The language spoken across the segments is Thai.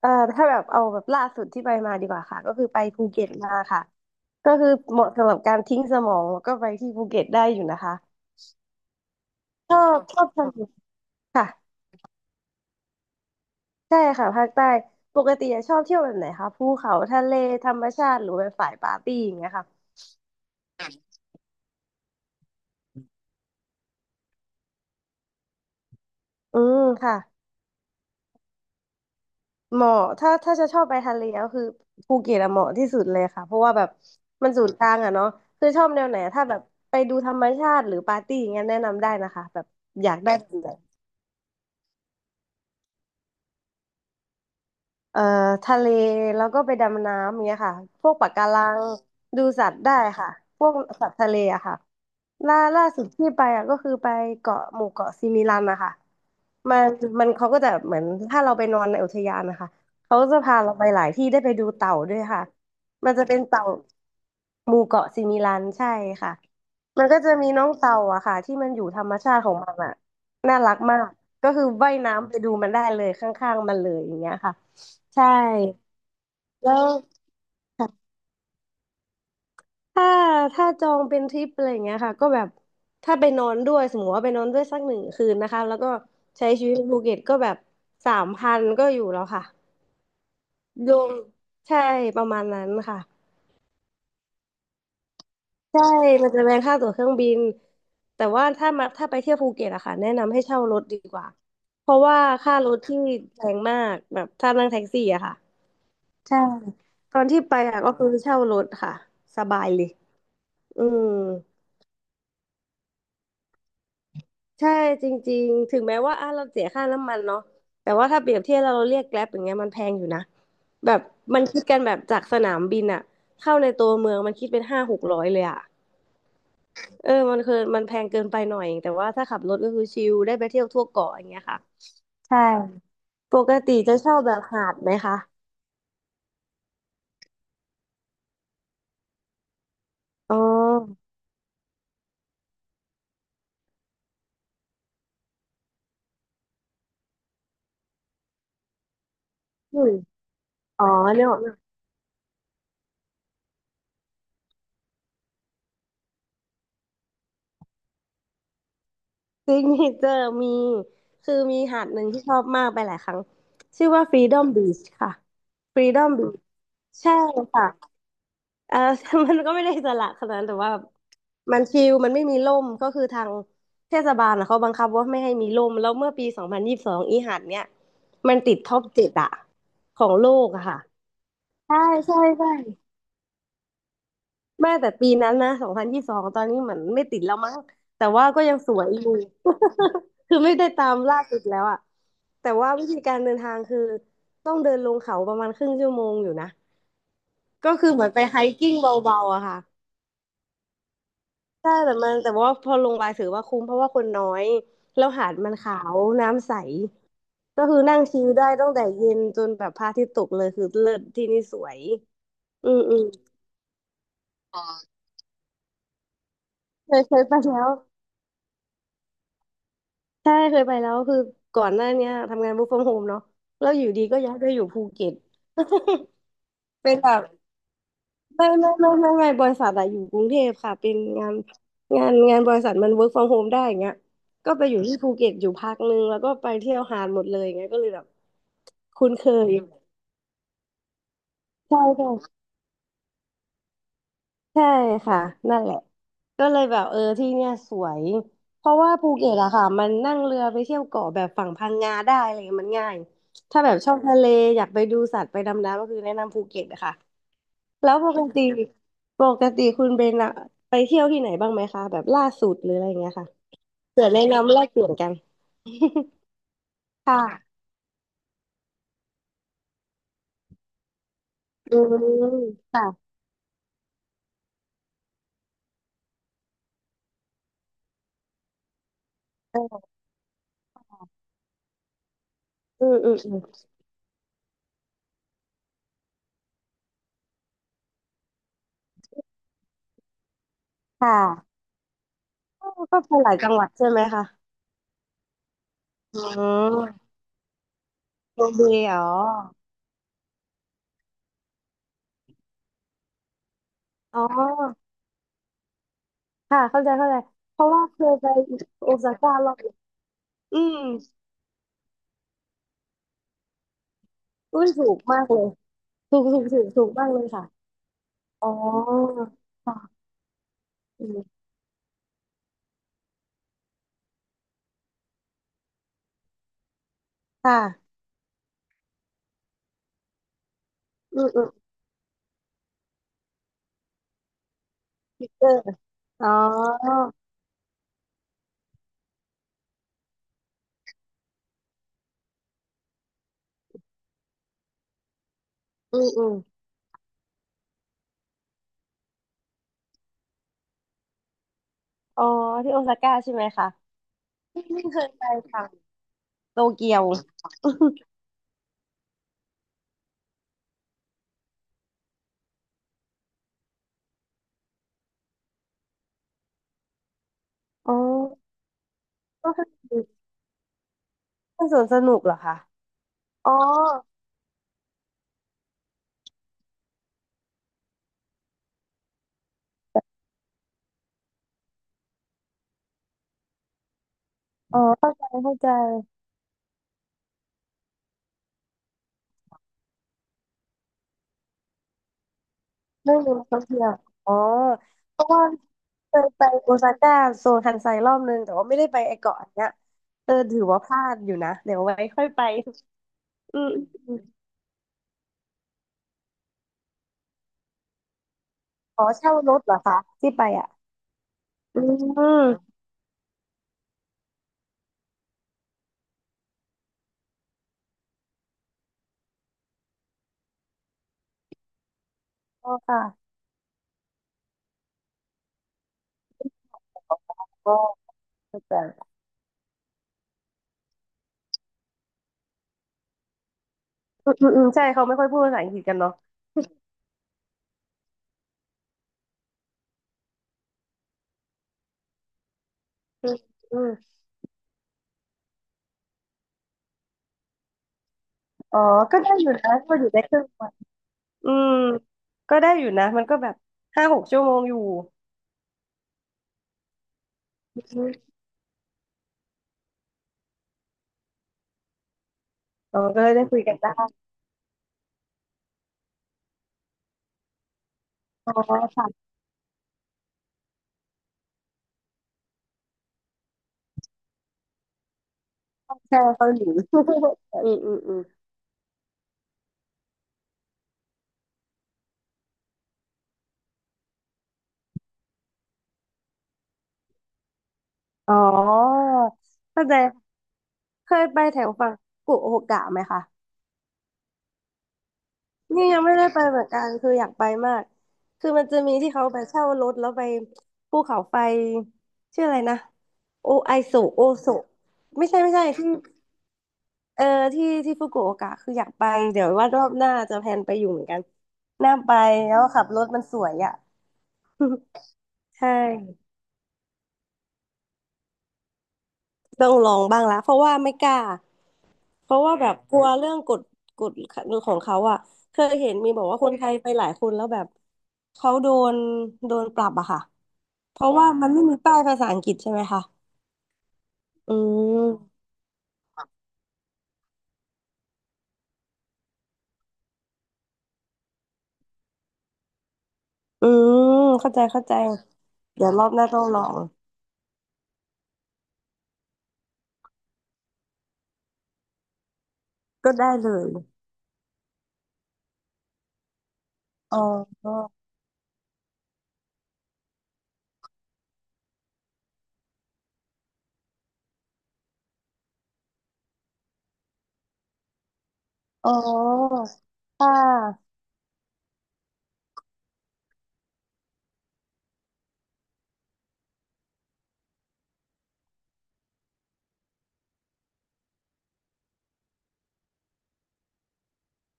ถ้าแบบเอาแบบล่าสุดที่ไปมาดีกว่าค่ะก็คือไปภูเก็ตมาค่ะก็คือเหมาะสำหรับการทิ้งสมองแล้วก็ไปที่ภูเก็ตได้อยู่นะคะชอบทะเลค่ะใช่ค่ะภาคใต้ปกติอะชอบเที่ยวแบบไหนคะภูเขาทะเลธรรมชาติหรือแบบฝ่ายปาร์ตี้อย่างเงี้ยค่ะอืมค่ะเหมาะถ้าจะชอบไปทะเลก็คือภูเก็ตอะเหมาะที่สุดเลยค่ะเพราะว่าแบบมันศูนย์กลางอะเนาะคือชอบแนวไหนถ้าแบบไปดูธรรมชาติหรือปาร์ตี้อย่างเงี้ยแนะนำได้นะคะแบบอยากได้แบบไหน เอ่อทะเลแล้วก็ไปดำน้ำเนี้ยค่ะพวกปะการังดูสัตว์ได้ค่ะพวกสัตว์ทะเลอะค่ะล่าสุดที่ไปอะก็คือไปเกาะหมู่เกาะซิมิลันนะคะมันมันเขาก็จะเหมือนถ้าเราไปนอนในอุทยานนะคะเขาจะพาเราไปหลายที่ได้ไปดูเต่าด้วยค่ะมันจะเป็นเต่าหมู่เกาะซิมิลันใช่ค่ะมันก็จะมีน้องเต่าอะค่ะที่มันอยู่ธรรมชาติของมันอะน่ารักมากก็คือว่ายน้ำไปดูมันได้เลยข้างๆมันเลยอย่างเงี้ยค่ะ ใช่แล้วถ้าถ้าจองเป็นทริปอะไรอย่างเงี้ยค่ะก็แบบถ้าไปนอนด้วยสมมติว่าไปนอนด้วยสักหนึ่งคืนนะคะแล้วก็ใช้ชีวิตในภูเก็ตก็แบบ3,000ก็อยู่แล้วค่ะรวมใช่ประมาณนั้นค่ะใช่มันจะแพงค่าตั๋วเครื่องบินแต่ว่าถ้าไปเที่ยวภูเก็ตอะค่ะแนะนำให้เช่ารถดีกว่าเพราะว่าค่ารถที่แพงมากแบบถ้านั่งแท็กซี่อะค่ะใช่ตอนที่ไปอะก็คือเช่ารถค่ะสบายเลยอืม ใช่จริงๆถึงแม้ว่าอ่ะเราเสียค่าน้ำมันเนาะแต่ว่าถ้าเปรียบเทียบเราเรียกแกร็บอย่างเงี้ยมันแพงอยู่นะแบบมันคิดกันแบบจากสนามบินอะเข้าในตัวเมืองมันคิดเป็น500-600เลยอะเออมันคือมันแพงเกินไปหน่อย แต่ว่าถ้าขับรถก็คือชิลได้ไปเที่ยวทั่วเกาะอย่างเงี้ยค่ะใช่ ปกติจะชอบแบบหาดไหมคะอ๋ออืมอ๋อเนี่ย ซิกเนเจอร์มีคือมีหาดหนึ่งที่ชอบมากไปหลายครั้งชื่อว่า Freedom Beach ค่ะ Freedom Beach ใช่ค่ะเออ มันก็ไม่ได้อิสระขนาดนั้นแต่ว่ามันชิลมันไม่มีร่มก็คือทางเทศบาลนะเขาบังคับว่าไม่ให้มีร่มแล้วเมื่อปี2022อีหาดเนี้ยมันติดท็อป 7อะของโลกอะค่ะใช่ใช่ใช่ แม่แต่ปีนั้นนะสองพันยี่สบสองตอนนี้เหมือนไม่ติดแล้วมั้งแต่ว่าก็ยังสวยอยู่ คือไม่ได้ตามล่าสุดแล้วอะแต่ว่าวิธีการเดินทางคือต้องเดินลงเขาประมาณครึ่งชั่วโมงอยู่นะ ก็คือเหมือนไปไฮกิ้งเบาๆอะค่ะใช่แต่ว่าพอลงไปถือว่าคุ้มเพราะว่าคนน้อย แล้วหาดมันขาว น้ำใส ก็คือนั่งชิลได้ตั้งแต่เย็นจนแบบพระอาทิตย์ตกเลยคือเลิศที่นี่สวยอืมอืมเคยไปแล้ว ใช่เคยไปแล้วคือก่อนหน้าเนี้ยทำงาน work from home เนาะแล้วอยู่ดีก็ย้ายไปอยู่ภูเก็ต เป็นแบบไม่บริษัทอะอยู่กรุงเทพค่ะเป็นงานบริษัทมัน work from home ได้อย่างเงี้ยก็ไปอยู่ที่ภูเก็ตอยู่พักนึงแล้วก็ไปเที่ยวหาดหมดเลยอย่างเงี้ยก็เลยแบบคุ้นเคยใช่ใช่ ใช่ค่ะนั่นแหละก็เลยแบบเออที่เนี่ยสวยเพราะว่าภูเก็ตอะค่ะมันนั่งเรือไปเที่ยวเกาะแบบฝั่งพังงาได้อะไรเงี้ยมันง่ายถ้าแบบชอบทะเลอยากไปดูสัตว์ไปดำน้ำก็คือแนะนำภูเก็ตอะค่ะแล้วปกติคุณเบนอะไปเที่ยวที่ไหนบ้างไหมคะแบบล่าสุดหรืออะไรเงี้ยค่ะเผื่อแนะนำแลกเปลี่ยนกัน ค่ะอืมค่ะเอออืมอืมอืมค่ะก็ไปหลายจังหวัดใช่ไหมคะอืมโมเบล อ๋อค่ะเข้าใจเข้าใจเพราะว่าเคยไปโอซาก้ารอบหนึ่งอืมอุ้ยถูกมากเลยถูกถูกถูกถูกมากเลยค่ะอ๋อค่ะอืมค่ะอืมอืมพิกเกอร์อ๋ออืมอืมอ๋อที่โอซาก้าใช่ไหมคะไม่ไม่เคยไปฝั่งโตเกียว อ๋อก็คือเป็นสวนสนุกเหรอคะอ๋ออ๋อเข้าใจเข้าใจ ไม่มีนักท่องเที่ยวอ๋อเพราะว่าเคยไปโอซาก้าโซนคันไซรอบนึงแต่ว่าไม่ได้ไปไอเกาะอันเนี้ยเออถือว่าพลาดอยู่นะเดี๋ยวไว้ค่อยไปอืมอมอ๋อเช่ารถเหรอคะที่ไปอ่ะอืมก็ค่ะก็้าใจอืมอืมอืมใช่เขาไม่ค่อยพูดภาษาอังกฤษกันเนาะอืมอืมอ๋อก็ได้อยู่นะก็อยู่ได้ครึ่งวันอืมก็ได้อยู่นะมันก็แบบ5-6 ชั่วโมงอยู่อืมอ๋อก็เลยได้คุยกันได้อ๋อค่ะ แช่เกาหลี อืมอืมอืมอ๋อเข้าใจเคยไปแถวฝั่งกุโอกะไหมคะนี่ยังไม่ได้ไปเหมือนกันคืออยากไปมากคือมันจะมีที่เขาไปเช่ารถแล้วไปภูเขาไฟชื่ออะไรนะโอไอโซโอโซไม่ใช่ไม่ใช่ที่เออที่ฟุกุโอกะคืออยากไปเดี๋ยวว่ารอบหน้าจะแพลนไปอยู่เหมือนกันน่าไปแล้วขับรถมันสวยอ่ะ ใช่ ต้องลองบ้างละเพราะว่าไม่กล้าเพราะว่าแบบกลัวเรื่องกฎของเขาอ่ะเคยเห็นมีบอกว่าคนไทยไปหลายคนแล้วแบบเขานโดนปรับอะค่ะเพราะว่ามันไม่มีป้ายภาษาอังกฤษใช่ไหมคะอืมอืมเข้าใจเข้าใจเดี๋ยวรอบหน้าต้องลองก็ได้เลยอ๋ออ๋อค่ะ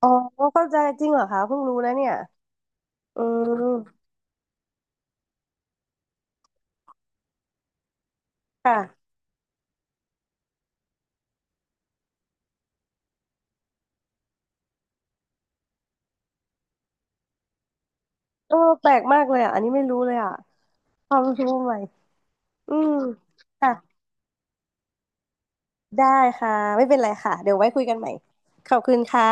อ๋อเข้าใจจริงเหรอคะเพิ่งรู้นะเนี่ยอืมค่ะเออแปลกมากเลยอ่ะอันนี้ไม่รู้เลยอ่ะความรู้ใหม่ อืมค่ะได้ค่ะไม่เป็นไรค่ะเดี๋ยวไว้คุยกันใหม่ขอบคุณค่ะ